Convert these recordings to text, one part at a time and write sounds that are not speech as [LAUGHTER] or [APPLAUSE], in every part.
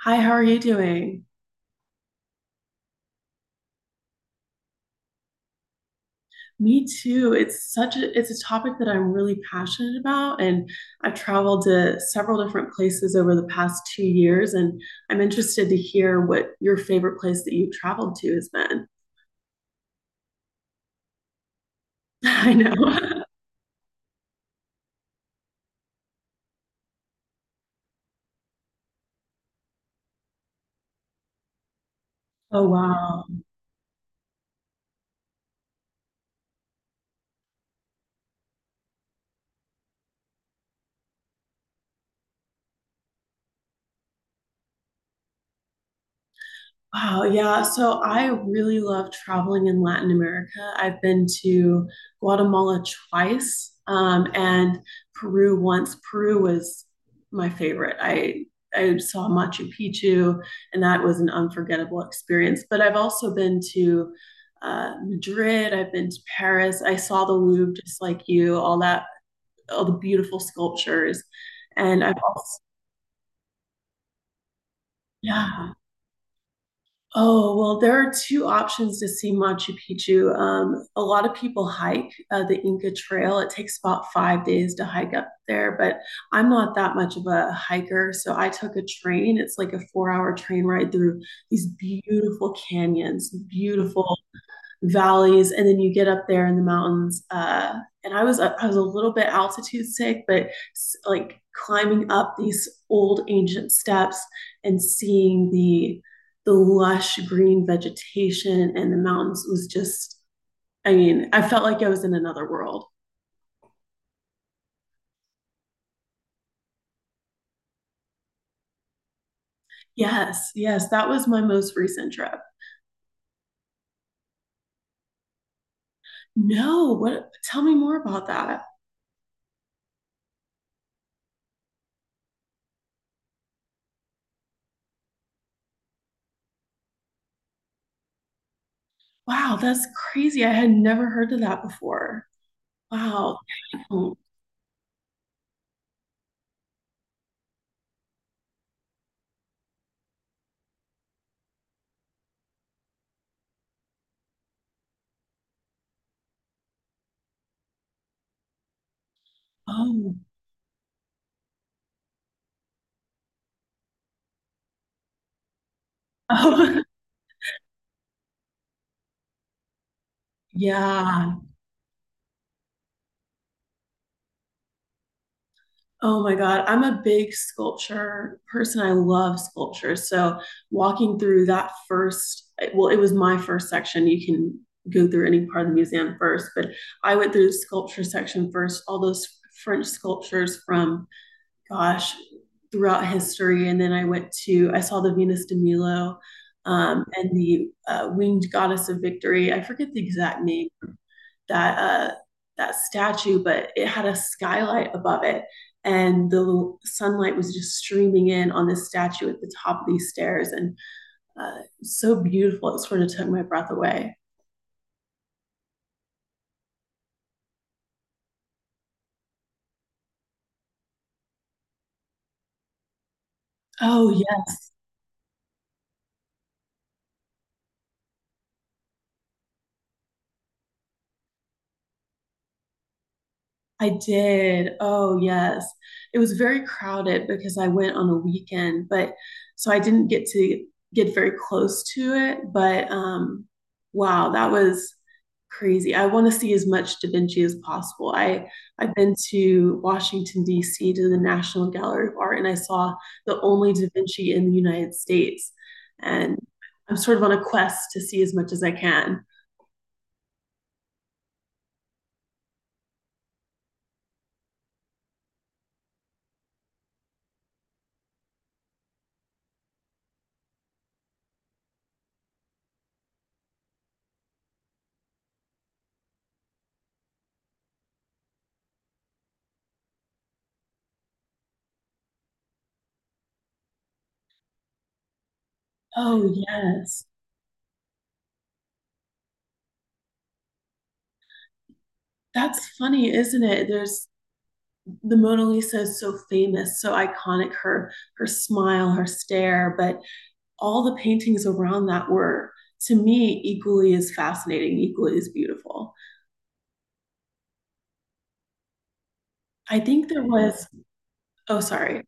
Hi, how are you doing? Me too. It's a topic that I'm really passionate about, and I've traveled to several different places over the past 2 years, and I'm interested to hear what your favorite place that you've traveled to has been. [LAUGHS] I know. [LAUGHS] Oh, wow. Wow, yeah. So I really love traveling in Latin America. I've been to Guatemala twice, and Peru once. Peru was my favorite. I saw Machu Picchu, and that was an unforgettable experience. But I've also been to Madrid. I've been to Paris. I saw the Louvre just like you, all that, all the beautiful sculptures. And I've also, yeah. Oh, well, there are two options to see Machu Picchu. A lot of people hike the Inca Trail. It takes about 5 days to hike up there, but I'm not that much of a hiker. So I took a train. It's like a 4 hour train ride through these beautiful canyons, beautiful valleys, and then you get up there in the mountains. And I was a little bit altitude sick, but like climbing up these old ancient steps and seeing the lush green vegetation and the mountains was just I mean, I felt like I was in another world. Yes, yes, that was my most recent trip. No, what tell me more about that. Wow, that's crazy. I had never heard of that before. Wow. Oh. Oh. Oh. [LAUGHS] Yeah. Oh my God. I'm a big sculpture person. I love sculpture. So walking through that first, well, it was my first section. You can go through any part of the museum first, but I went through the sculpture section first, all those French sculptures from, gosh, throughout history. And then I went to, I saw the Venus de Milo and the Winged Goddess of Victory. I forget the exact name that that statue, but it had a skylight above it, and the sunlight was just streaming in on this statue at the top of these stairs, and so beautiful. It sort of took my breath away. Oh yeah. I did. Oh, yes. It was very crowded because I went on a weekend, but so I didn't get to get very close to it. But wow, that was crazy. I want to see as much Da Vinci as possible. I've been to Washington D.C. to the National Gallery of Art, and I saw the only Da Vinci in the United States, and I'm sort of on a quest to see as much as I can. Oh, yes. That's funny, isn't it? There's the Mona Lisa is so famous, so iconic, her her smile, her stare, but all the paintings around that were to me equally as fascinating, equally as beautiful. I think there was oh sorry.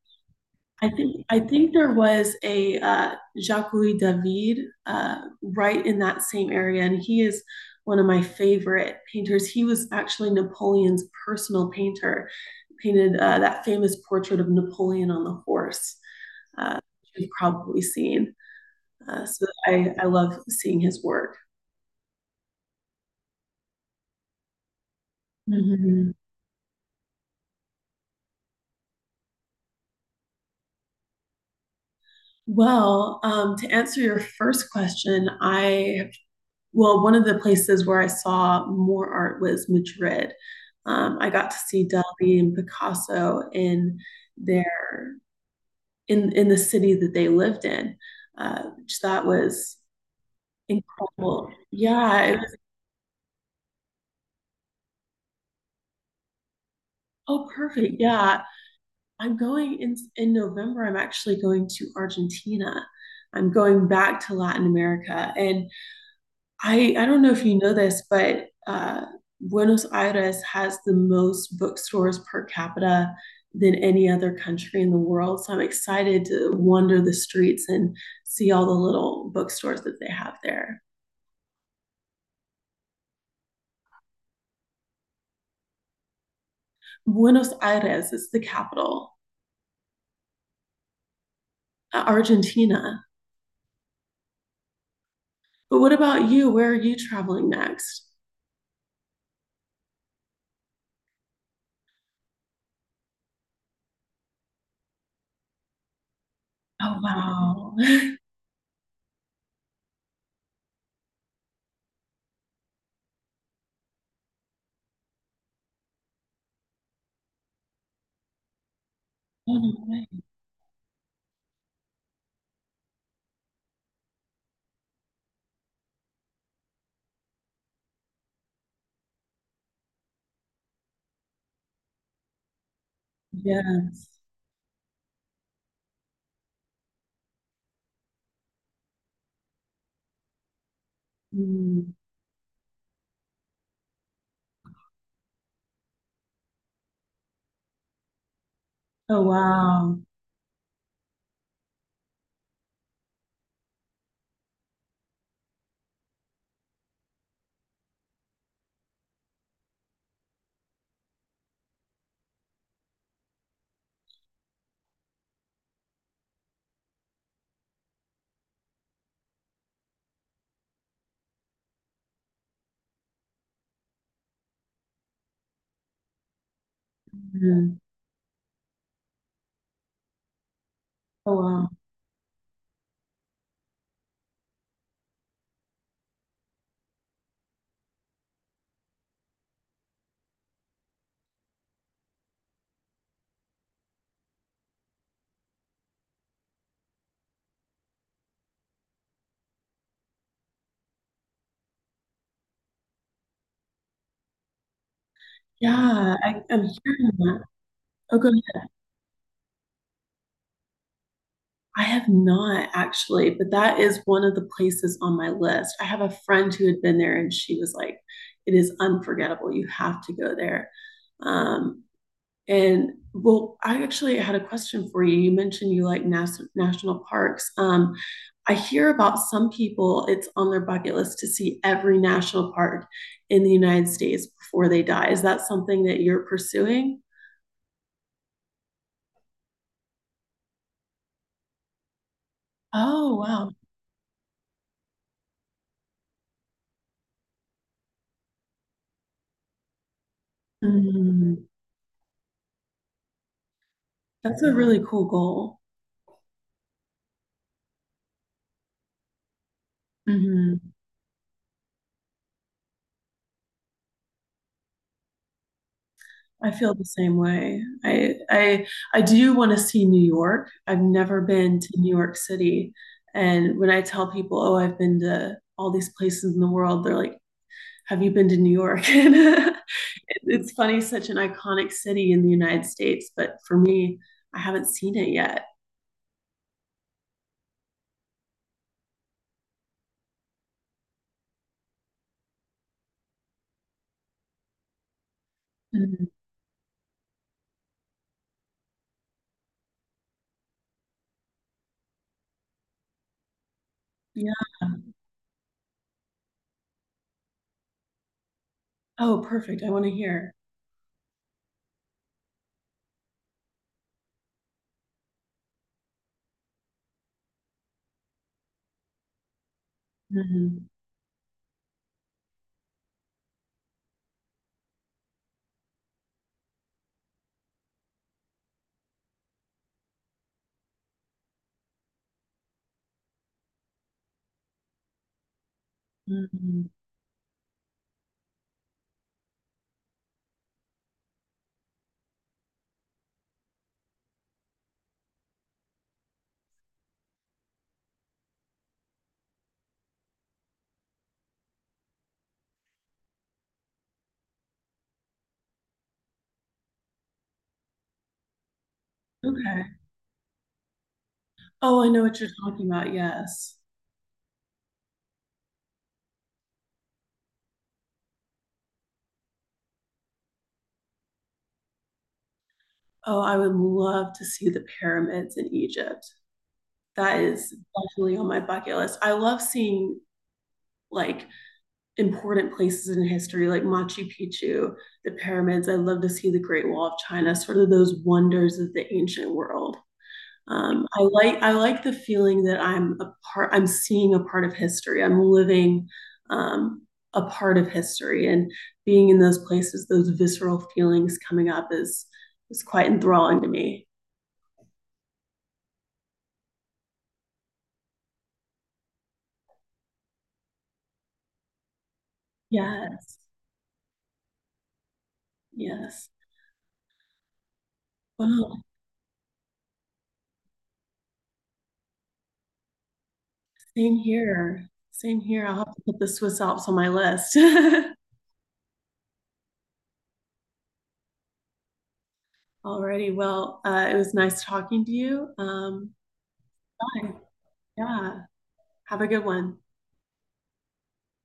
I think there was a Jacques Louis David right in that same area, and he is one of my favorite painters. He was actually Napoleon's personal painter. Painted that famous portrait of Napoleon on the horse. uh, you've probably seen. So I love seeing his work. Mm-hmm. Well, to answer your first question, I well, one of the places where I saw more art was Madrid. I got to see Dalí and Picasso in their in the city that they lived in, which that was incredible. Yeah, it was oh perfect. Yeah, I'm going in November. I'm actually going to Argentina. I'm going back to Latin America, and I don't know if you know this, but Buenos Aires has the most bookstores per capita than any other country in the world. So I'm excited to wander the streets and see all the little bookstores that they have there. Buenos Aires is the capital, Argentina. But what about you? Where are you traveling next? Oh wow. [LAUGHS] Oh, no. Yes. Mm. Oh, wow. Mm. Oh, wow. Yeah, I'm hearing that. Oh, good. I have not actually, but that is one of the places on my list. I have a friend who had been there and she was like, it is unforgettable. You have to go there. Um, And well, I actually had a question for you. You mentioned you like national parks. I hear about some people, it's on their bucket list to see every national park in the United States before they die. Is that something that you're pursuing? Oh, wow. Mhm. That's a really cool goal. I feel the same way. I do want to see New York. I've never been to New York City. And when I tell people, "Oh, I've been to all these places in the world," they're like, "Have you been to New York?" [LAUGHS] And it's funny, such an iconic city in the United States, but for me, I haven't seen it yet. Mhm. Yeah. Oh, perfect. I want to hear. Mhm. Mhm. Okay. Oh, I know what you're talking about. Yes. Oh, I would love to see the pyramids in Egypt. That is definitely on my bucket list. I love seeing like important places in history, like Machu Picchu, the pyramids. I love to see the Great Wall of China, sort of those wonders of the ancient world. I like the feeling that I'm a part. I'm seeing a part of history. I'm living um, a part of history, and being in those places, those visceral feelings coming up is quite enthralling to me. Yes, yes. Wow. Same here. Same here. I'll have to put the Swiss Alps on my list. [LAUGHS] Alrighty. Well, it was nice talking to you. Bye. Yeah. Have a good one.